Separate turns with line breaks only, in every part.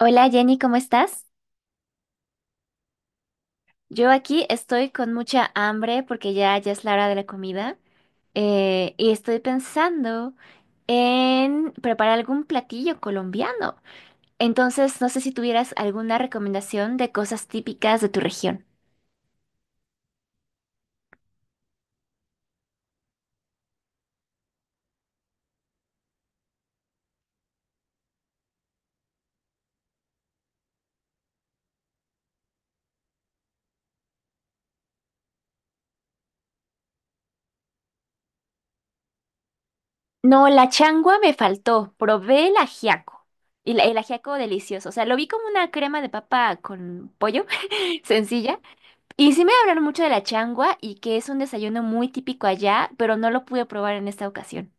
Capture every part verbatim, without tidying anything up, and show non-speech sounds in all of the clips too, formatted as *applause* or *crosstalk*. Hola Jenny, ¿cómo estás? Yo aquí estoy con mucha hambre porque ya, ya es la hora de la comida, eh, y estoy pensando en preparar algún platillo colombiano. Entonces, no sé si tuvieras alguna recomendación de cosas típicas de tu región. No, la changua me faltó. Probé el ajiaco. Y la- el ajiaco delicioso. O sea, lo vi como una crema de papa con pollo, *laughs* sencilla. Y sí me hablaron mucho de la changua y que es un desayuno muy típico allá, pero no lo pude probar en esta ocasión.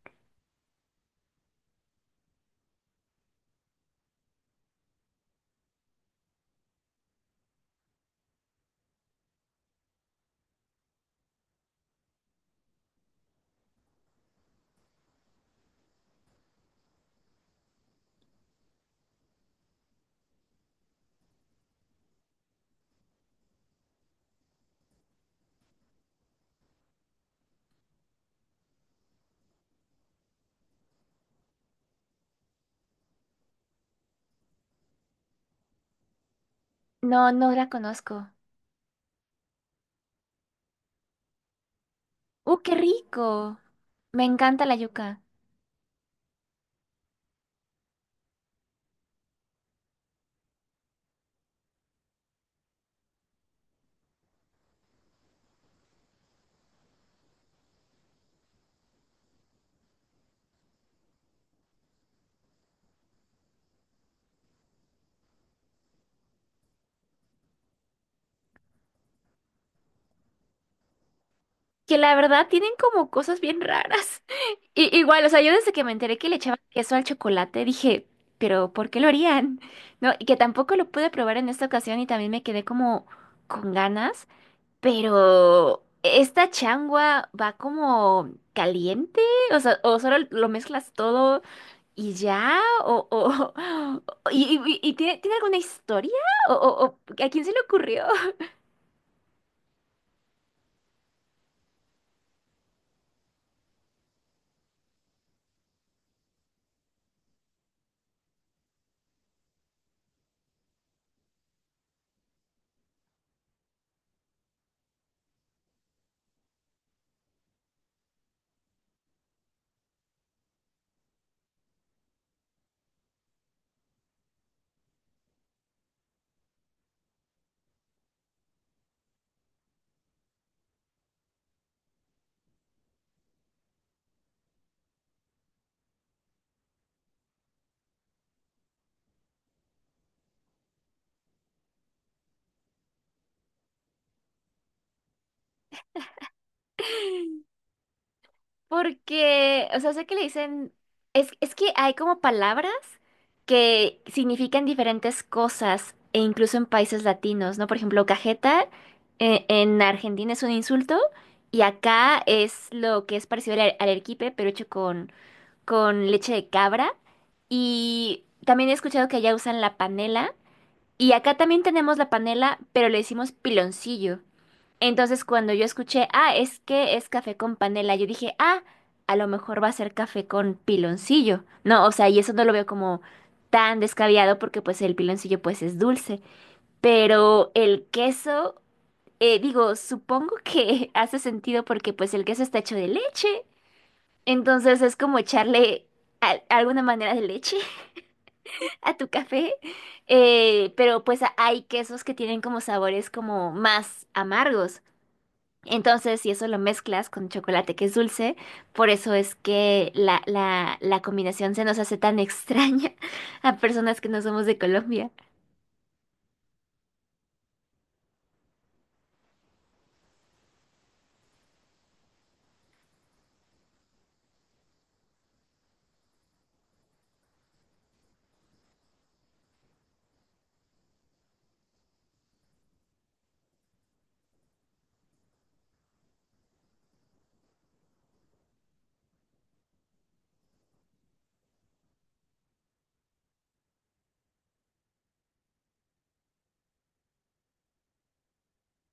No, no la conozco. ¡Uh, qué rico! Me encanta la yuca. Que la verdad tienen como cosas bien raras. *laughs* Y, igual, o sea, yo desde que me enteré que le echaban queso al chocolate, dije, pero ¿por qué lo harían? *laughs* No, y que tampoco lo pude probar en esta ocasión y también me quedé como con ganas. Pero esta changua va como caliente, o sea, o solo lo mezclas todo. ¿Y ya? ¿O, o, *laughs* o- y, y- y tiene, tiene alguna historia? ¿O, o- o a quién se le ocurrió? *laughs* Porque, o sea, sé que le dicen, es, es que hay como palabras que significan diferentes cosas, e incluso en países latinos, ¿no? Por ejemplo, cajeta, eh, en Argentina es un insulto y acá es lo que es parecido al, ar- al arequipe, pero hecho con, con leche de cabra. Y también he escuchado que allá usan la panela. Y acá también tenemos la panela, pero le decimos piloncillo. Entonces cuando yo escuché, ah, es que es café con panela, yo dije, ah, a lo mejor va a ser café con piloncillo. No, o sea, y eso no lo veo como tan descabellado porque pues el piloncillo pues es dulce. Pero el queso, eh, digo, supongo que *laughs* hace sentido porque pues el queso está hecho de leche. Entonces es como echarle a- alguna manera de leche a tu café, eh, pero pues a- hay quesos que tienen como sabores como más amargos. Entonces, si eso lo mezclas con chocolate que es dulce, por eso es que la, la, la combinación se nos hace tan extraña *laughs* a personas que no somos de Colombia.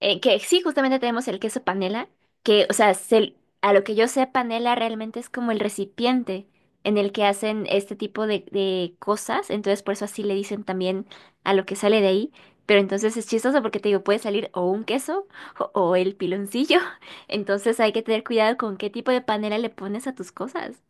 Eh, que sí, justamente tenemos el queso panela, que, o sea, se- a lo que yo sé, panela realmente es como el recipiente en el que hacen este tipo de, de cosas, entonces por eso así le dicen también a lo que sale de ahí, pero entonces es chistoso porque te digo, puede salir o un queso *laughs* o, o el piloncillo, *laughs* entonces hay que tener cuidado con qué tipo de panela le pones a tus cosas.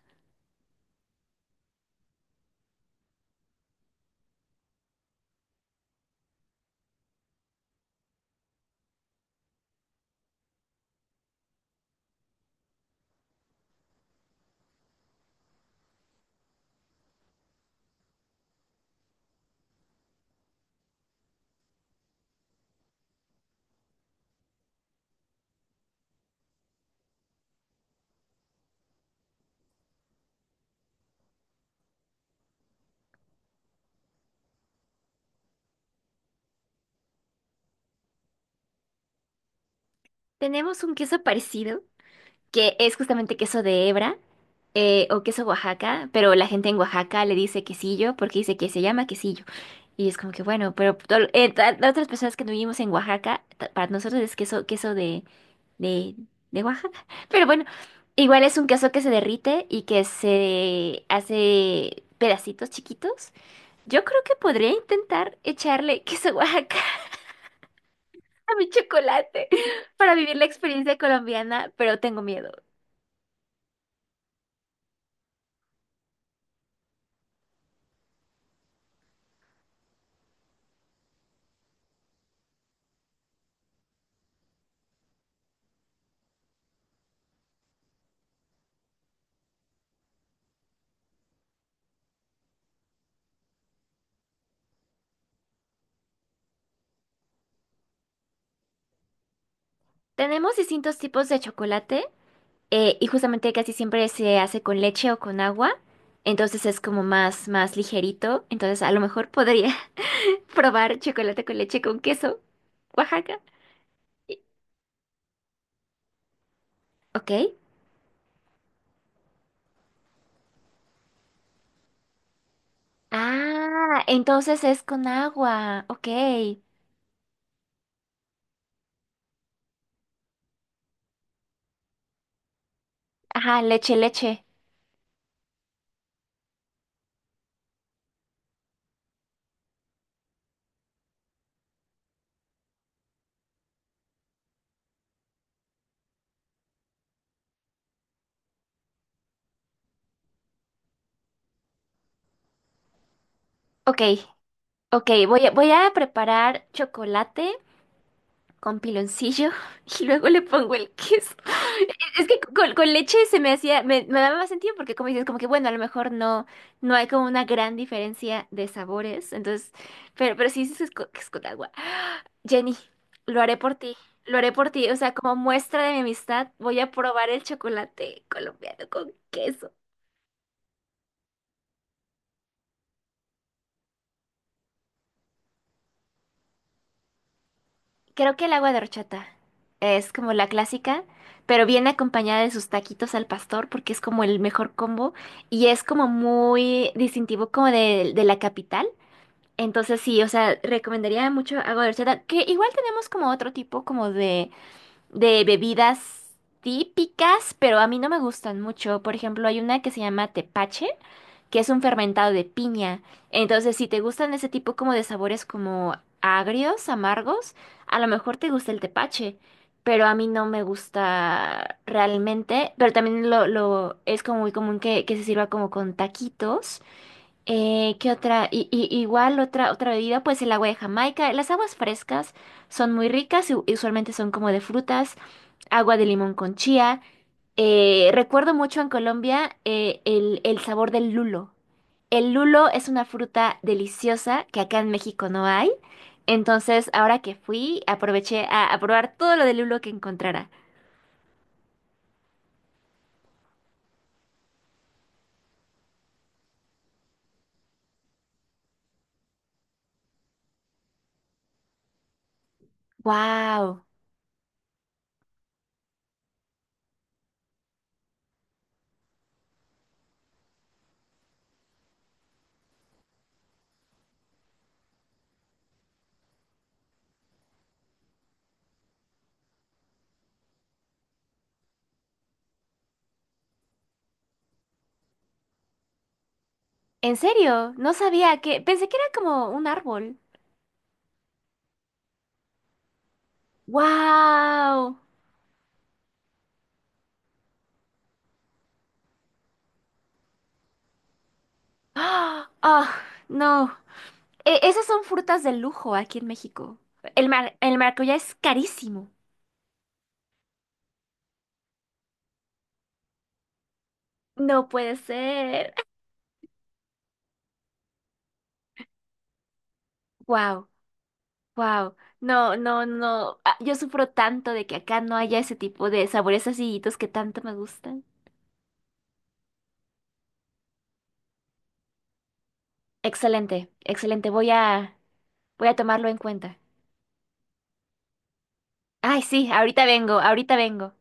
Tenemos un queso parecido, que es justamente queso de hebra, eh, o queso Oaxaca, pero la gente en Oaxaca le dice quesillo porque dice que se llama quesillo. Y es como que, bueno, pero tol- eh, ta- las otras personas que no vivimos en Oaxaca, ta- para nosotros es queso, queso de, de, de Oaxaca. *laughs* Pero bueno, igual es un queso que se derrite y que se hace pedacitos chiquitos. Yo creo que podría intentar echarle queso Oaxaca *laughs* a mi chocolate *laughs* para vivir la experiencia colombiana, pero tengo miedo. Tenemos distintos tipos de chocolate. Eh, y justamente casi siempre se hace con leche o con agua, entonces es como más, más ligerito, entonces a lo mejor podría *laughs* probar chocolate con leche con queso, Oaxaca. Y- Ok. Ah, entonces es con agua, ok. Ajá, leche, leche. Ok, ok, voy a, voy a preparar chocolate con piloncillo *laughs* y luego le pongo el queso. *laughs* Es que con, con leche se me hacía, me, me daba más sentido porque como dices, como que bueno, a lo mejor no, no hay como una gran diferencia de sabores, entonces, pero, pero sí dices que es co- que es con agua. Jenny, lo haré por ti, lo haré por ti, o sea, como muestra de mi amistad, voy a probar el chocolate colombiano con queso. Creo que el agua de horchata es como la clásica, pero viene acompañada de sus taquitos al pastor porque es como el mejor combo y es como muy distintivo como de, de la capital. Entonces sí, o sea, recomendaría mucho agua de horchata, que igual tenemos como otro tipo como de, de bebidas típicas, pero a mí no me gustan mucho. Por ejemplo, hay una que se llama tepache que es un fermentado de piña. Entonces, si te gustan ese tipo como de sabores como agrios, amargos, a lo mejor te gusta el tepache, pero a mí no me gusta realmente, pero también lo, lo es como muy común que, que se sirva como con taquitos. Eh, ¿qué otra? I- i- igual otra, otra bebida, pues el agua de Jamaica. Las aguas frescas son muy ricas y u- y usualmente son como de frutas, agua de limón con chía. Eh, recuerdo mucho en Colombia, eh, el, el sabor del lulo. El lulo es una fruta deliciosa que acá en México no hay. Entonces, ahora que fui, aproveché a, a probar todo lo del lulo que encontrara. ¡Wow! ¿En serio? No sabía que... Pensé que era como un árbol. ¡Wow! ¡Ah! ¡Ah! No. E- esas son frutas de lujo aquí en México. El mar, el maracuyá es carísimo. No puede ser. ¡Wow! Wow, no, no, no. Ah, yo sufro tanto de que acá no haya ese tipo de sabores acidititos que tanto me gustan. Excelente, excelente. Voy a, voy a tomarlo en cuenta. Ay, sí, ahorita vengo, ahorita vengo.